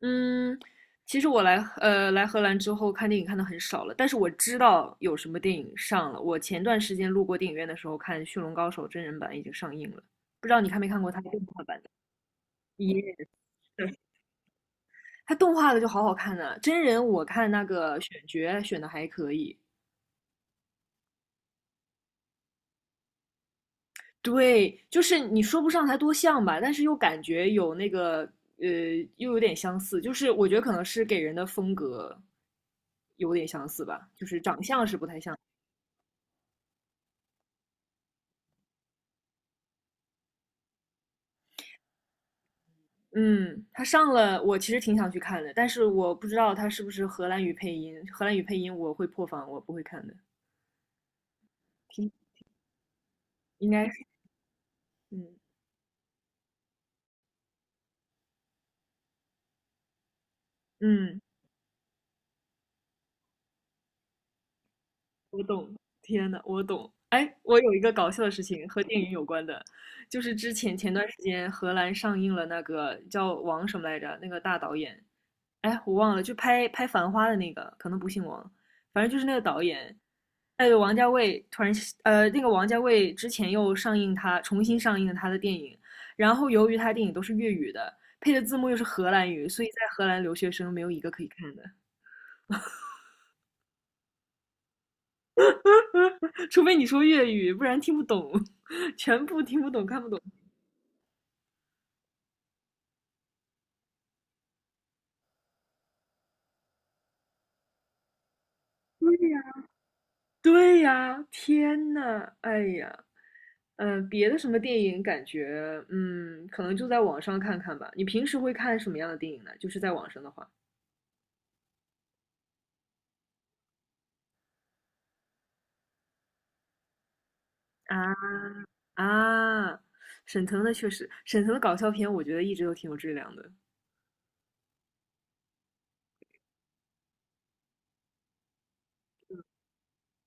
嗯，其实我来荷兰之后看电影看的很少了，但是我知道有什么电影上了。我前段时间路过电影院的时候看《驯龙高手》真人版已经上映了，不知道你看没看过它动画版的？也是，它动画的就好好看呢、真人我看那个选角选的还可以，对，就是你说不上它多像吧，但是又感觉有那个呃又有点相似，就是我觉得可能是给人的风格有点相似吧，就是长相是不太像。嗯，他上了，我其实挺想去看的，但是我不知道他是不是荷兰语配音。荷兰语配音我会破防，我不会看的。听，应该是，嗯嗯，我懂。天呐，我懂。哎，我有一个搞笑的事情和电影有关的，就是之前前段时间荷兰上映了那个叫王什么来着，那个大导演，哎，我忘了，就拍《繁花》的那个，可能不姓王，反正就是那个导演，哎，有王家卫突然那个王家卫之前又上映他重新上映了他的电影，然后由于他的电影都是粤语的，配的字幕又是荷兰语，所以在荷兰留学生没有一个可以看的，除非你说粤语，不然听不懂，全部听不懂，看不懂。对呀，对呀，天呐，哎呀，别的什么电影感觉，可能就在网上看看吧。你平时会看什么样的电影呢？就是在网上的话啊。啊，沈腾的确实，沈腾的搞笑片我觉得一直都挺有质量的。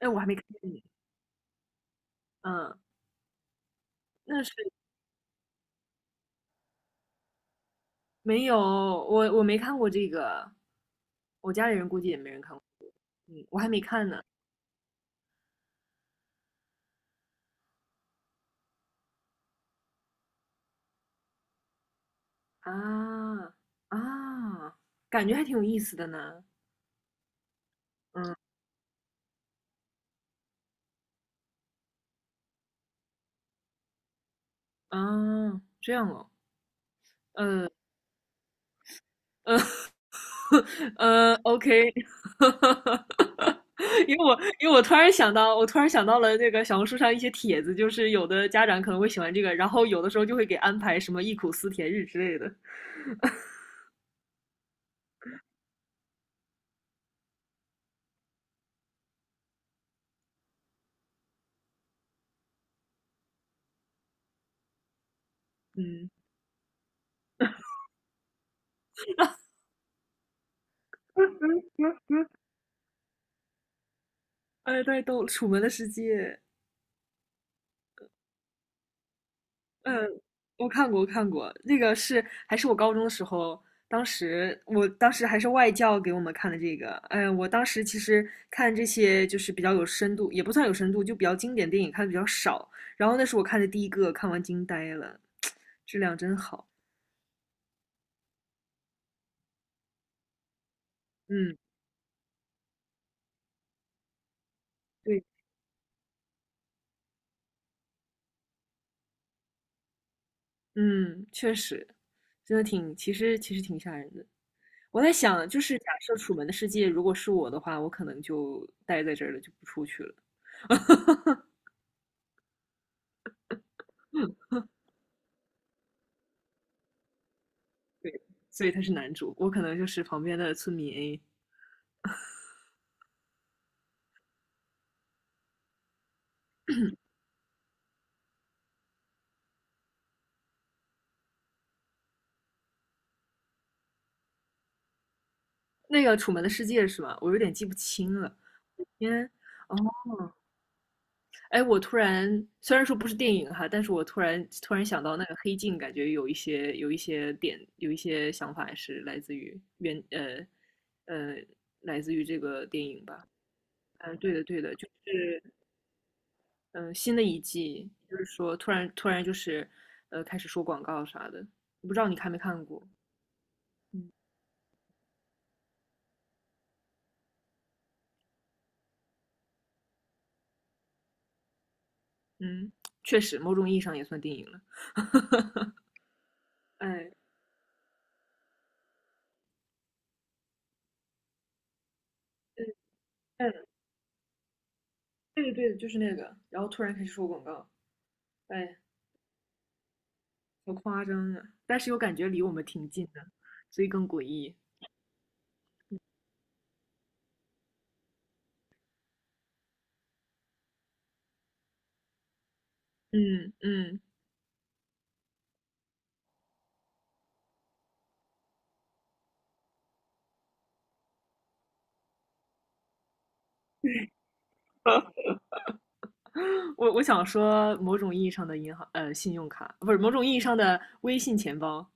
哎，我还没看呢。嗯，那是没有，我没看过这个，我家里人估计也没人看过。嗯，我还没看呢。啊啊，感觉还挺有意思的呢。嗯啊，这样哦。嗯嗯嗯 o k 因为我突然想到，我突然想到了那个小红书上一些帖子，就是有的家长可能会喜欢这个，然后有的时候就会给安排什么忆苦思甜日之类的。嗯，哎，太逗了，《楚门的世界》。嗯，我看过，我看过，那个是还是我高中的时候，当时还是外教给我们看的这个。哎，我当时其实看这些就是比较有深度，也不算有深度，就比较经典电影看的比较少。然后那是我看的第一个，看完惊呆了，质量真好。嗯，对，嗯，确实，真的挺，其实挺吓人的。我在想，就是假设《楚门的世界》如果是我的话，我可能就待在这儿了，就不出去了。嗯，所以他是男主，我可能就是旁边的村民 A。那个《楚门的世界》是吗？我有点记不清了。天，哦，哎，我突然虽然说不是电影哈，但是我突然想到那个《黑镜》，感觉有一些点，有一些想法是呃来自于这个电影吧。嗯，对的，对的，就是新的一季，就是说突然就是开始说广告啥的，不知道你看没看过？嗯嗯，确实，某种意义上也算电影了。哎，对嗯，对的对的，就是那个，然后突然开始说广告，哎，好夸张啊！但是又感觉离我们挺近的，所以更诡异。嗯嗯，我想说，某种意义上的银行信用卡，不是某种意义上的微信钱包，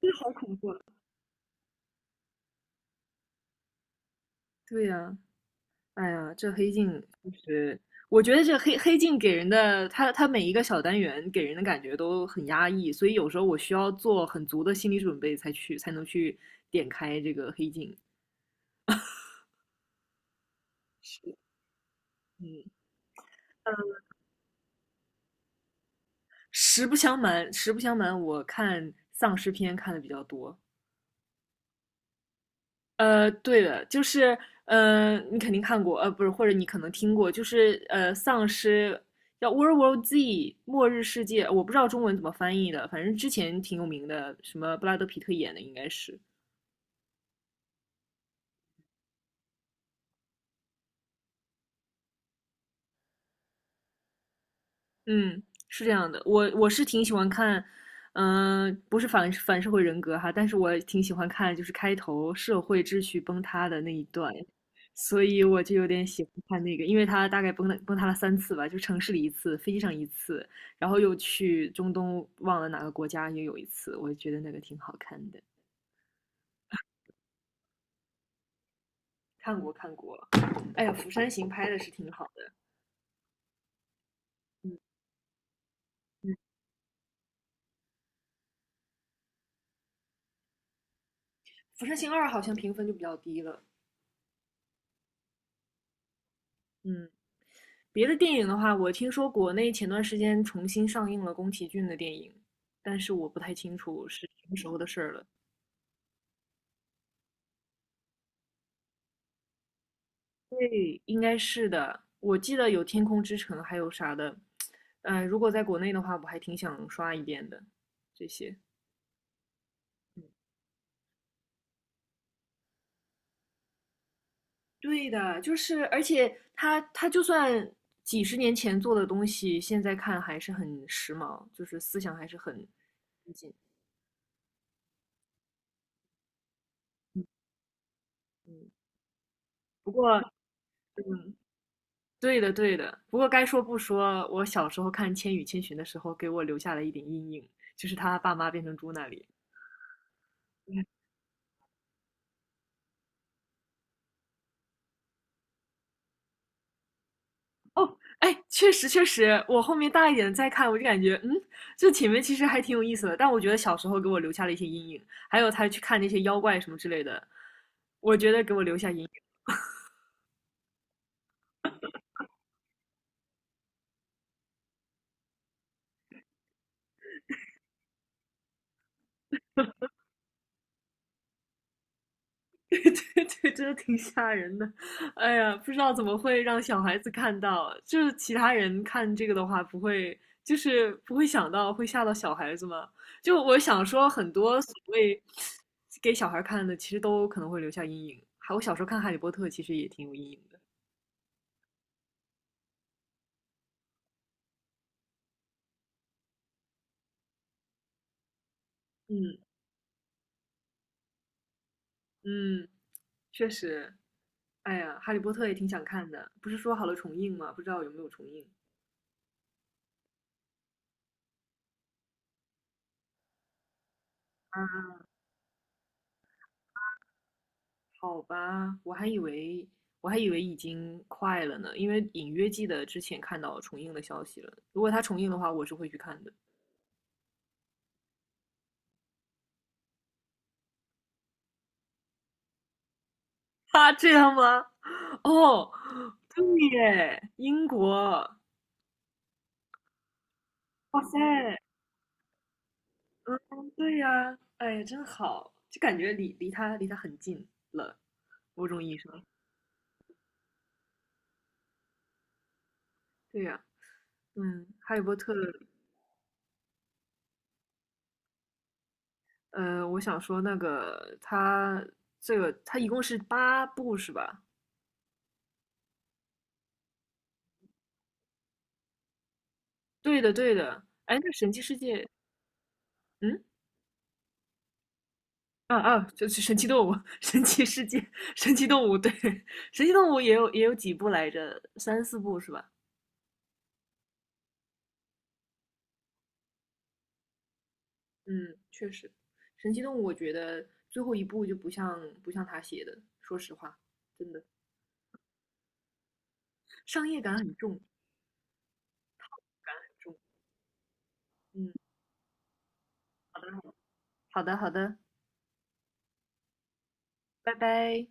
这好恐怖啊！对呀、哎呀，这黑镜就是我觉得这黑镜给人的，它每一个小单元给人的感觉都很压抑，所以有时候我需要做很足的心理准备才能去点开这个黑镜。嗯，嗯实不相瞒，实不相瞒，我看丧尸片看的比较多，对的，就是，你肯定看过，不是，或者你可能听过，就是丧尸叫《World War Z》末日世界，我不知道中文怎么翻译的，反正之前挺有名的，什么布拉德皮特演的应该是，嗯，是这样的，我是挺喜欢看，不是反社会人格哈，但是我挺喜欢看，就是开头社会秩序崩塌的那一段，所以我就有点喜欢看那个，因为他大概崩塌了3次吧，就城市里一次，飞机上一次，然后又去中东忘了哪个国家也有一次，我觉得那个挺好看的，看过看过，哎呀，《釜山行》拍的是挺好的，嗯嗯，《釜山行二》好像评分就比较低了，嗯。别的电影的话，我听说国内前段时间重新上映了宫崎骏的电影，但是我不太清楚是什么时候的事儿了。对，应该是的。我记得有《天空之城》，还有啥的。如果在国内的话，我还挺想刷一遍的。这些，嗯对的，就是而且他就算几十年前做的东西，现在看还是很时髦，就是思想还是很先进。嗯，嗯不过嗯，对的，对的。不过该说不说，我小时候看《千与千寻》的时候，给我留下了一点阴影，就是他爸妈变成猪那里。哎，确实确实，我后面大一点再看，我就感觉，这前面其实还挺有意思的。但我觉得小时候给我留下了一些阴影，还有他去看那些妖怪什么之类的，我觉得给我留下阴对对对，真的挺吓人的。哎呀，不知道怎么会让小孩子看到，就是其他人看这个的话，不会想到会吓到小孩子吗？就我想说，很多所谓给小孩看的，其实都可能会留下阴影。还我小时候看《哈利波特》，其实也挺有阴影的。嗯嗯，确实。哎呀，《哈利波特》也挺想看的，不是说好了重映吗？不知道有没有重映。好吧，我还以为已经快了呢，因为隐约记得之前看到重映的消息了。如果他重映的话，我是会去看的。他这样吗？哦，对耶，英国，哇塞，对呀，哎呀，真好，就感觉离他很近了，某种意义上。对呀，嗯，《哈利波特》，我想说那个他这个他一共是八部是吧？对的，对的。哎，那《神奇世界》，嗯。啊啊，就是神奇动物、神奇世界、神奇动物，对，神奇动物也有几部来着，三四部是吧？嗯，确实，神奇动物我觉得最后一部就不像他写的，说实话，真的商业感很重很重。嗯，好的好的好的好的，拜拜。